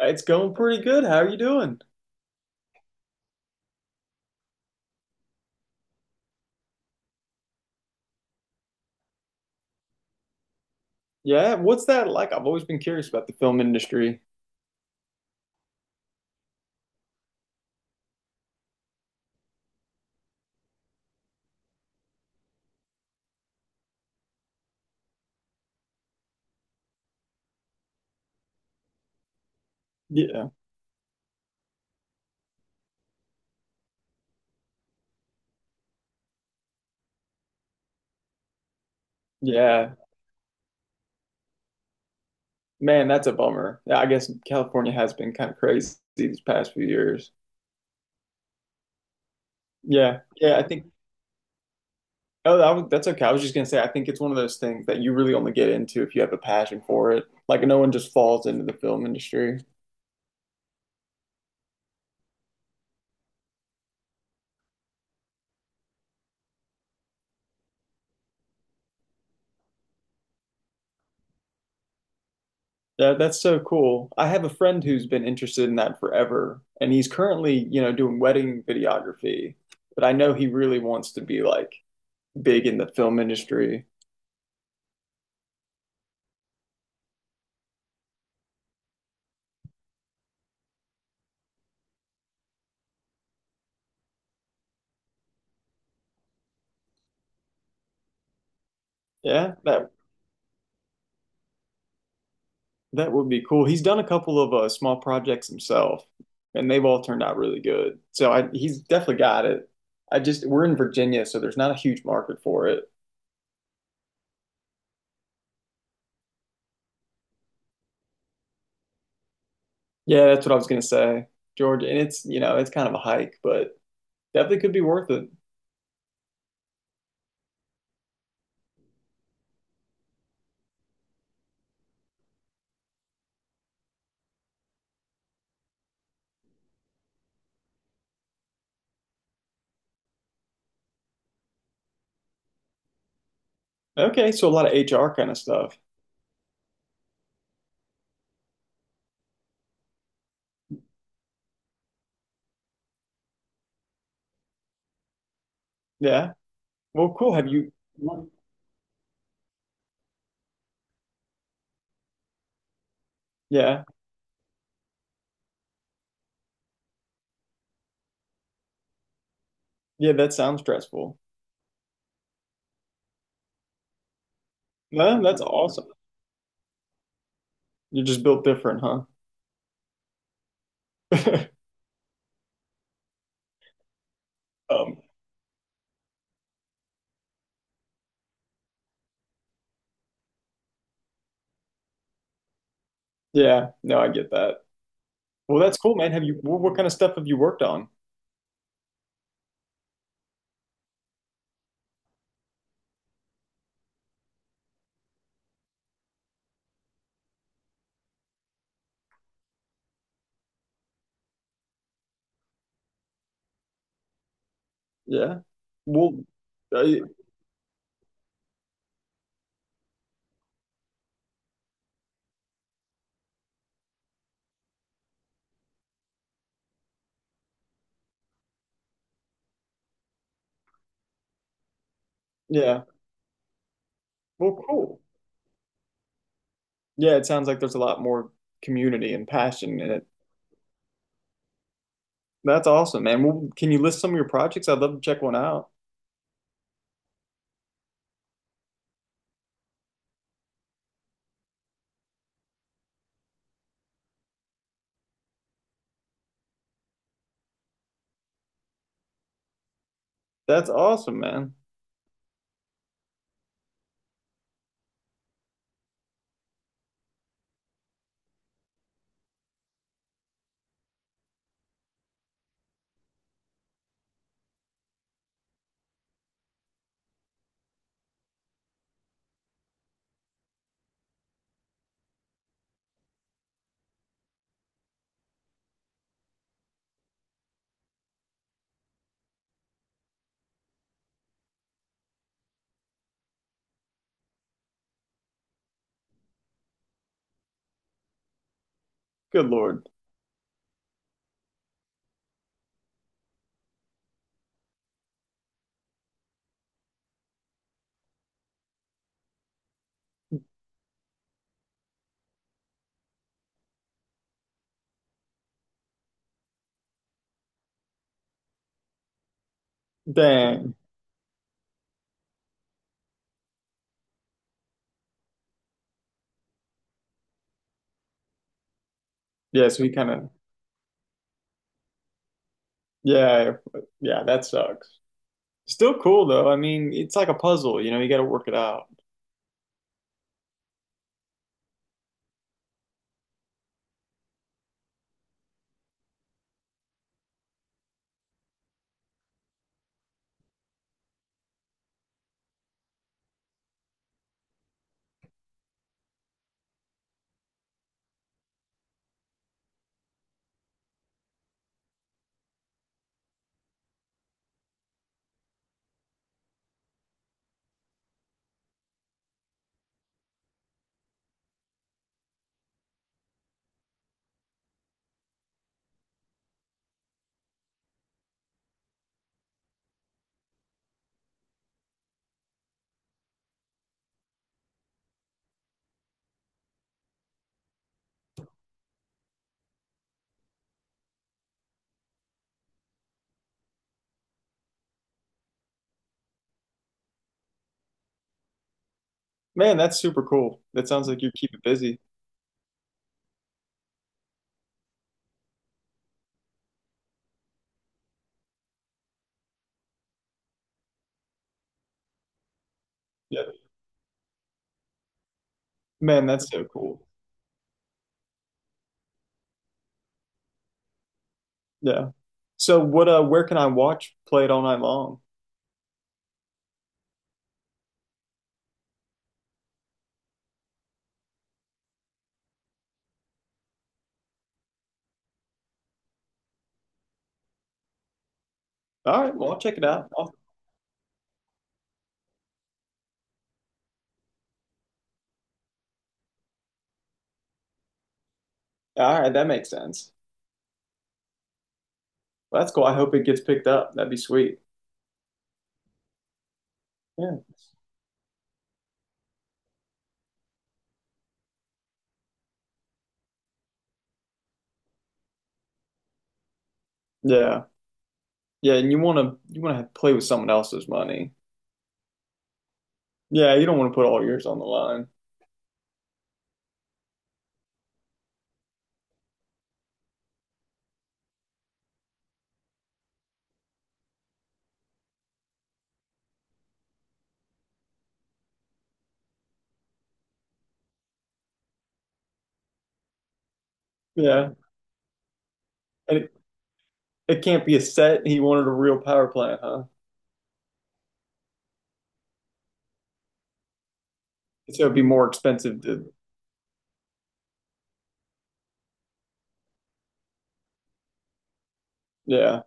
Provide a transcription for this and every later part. It's going pretty good. How are you doing? Yeah, what's that like? I've always been curious about the film industry. Yeah, yeah. Man, that's a bummer. Yeah, I guess California has been kind of crazy these past few years. Yeah, yeah, I think. Oh, that's okay. I was just gonna say, I think it's one of those things that you really only get into if you have a passion for it. Like, no one just falls into the film industry. Yeah, that's so cool. I have a friend who's been interested in that forever, and he's currently, doing wedding videography. But I know he really wants to be like big in the film industry. Yeah, that that would be cool. He's done a couple of small projects himself, and they've all turned out really good. He's definitely got it. I just We're in Virginia, so there's not a huge market for it. Yeah, that's what I was gonna say, Georgia. And it's you know it's kind of a hike, but definitely could be worth it. Okay, so a lot of HR kind of stuff. Yeah. Well, cool. Have you? Yeah, yeah. That sounds stressful. No, that's awesome. You're just built different, huh? Um, yeah. No, I get that. Well, that's cool, man. Have you What, kind of stuff have you worked on? Yeah. Well, uh, yeah. Well, cool. Yeah, it sounds like there's a lot more community and passion in it. That's awesome, man. Well, can you list some of your projects? I'd love to check one out. That's awesome, man. Good Lord. Dang. Yeah, so he kind of Yeah, yeah, that sucks. Still cool though. I mean, it's like a puzzle, you know, you got to work it out. Man, that's super cool. That sounds like you keep it busy. Yeah. Man, that's so cool. Yeah. So what where can I watch Play It All Night Long? All right, well I'll check it out. I'll- all right, that makes sense. Well, that's cool. I hope it gets picked up. That'd be sweet. Yeah. Yeah. Yeah, and play with someone else's money. Yeah, you don't want to put all yours on the line. Yeah. And it can't be a set. He wanted a real power plant, huh? So it'd be more expensive to Yeah.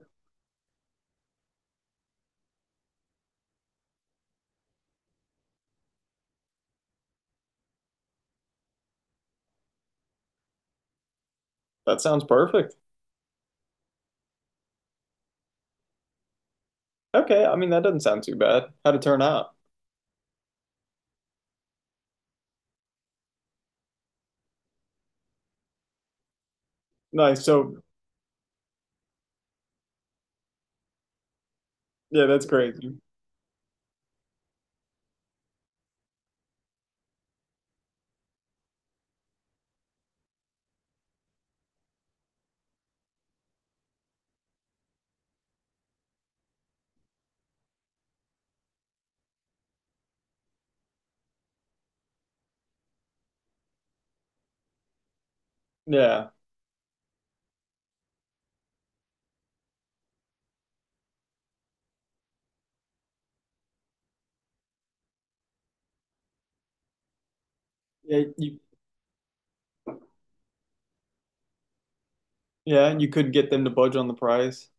That sounds perfect. Okay, I mean that doesn't sound too bad. How'd it turn out? Nice. Yeah, that's crazy. Yeah. Yeah, you Yeah, and you could get them to budge on the price.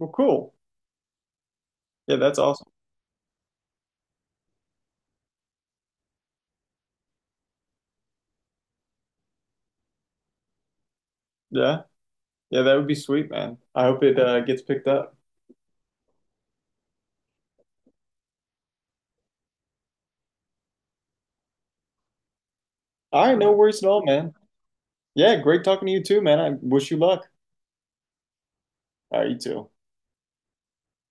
Well, cool. Yeah, that's awesome. Yeah. Yeah, that would be sweet, man. I hope it gets picked up. All right, no worries at all, man. Yeah, great talking to you too, man. I wish you luck. All right, you too.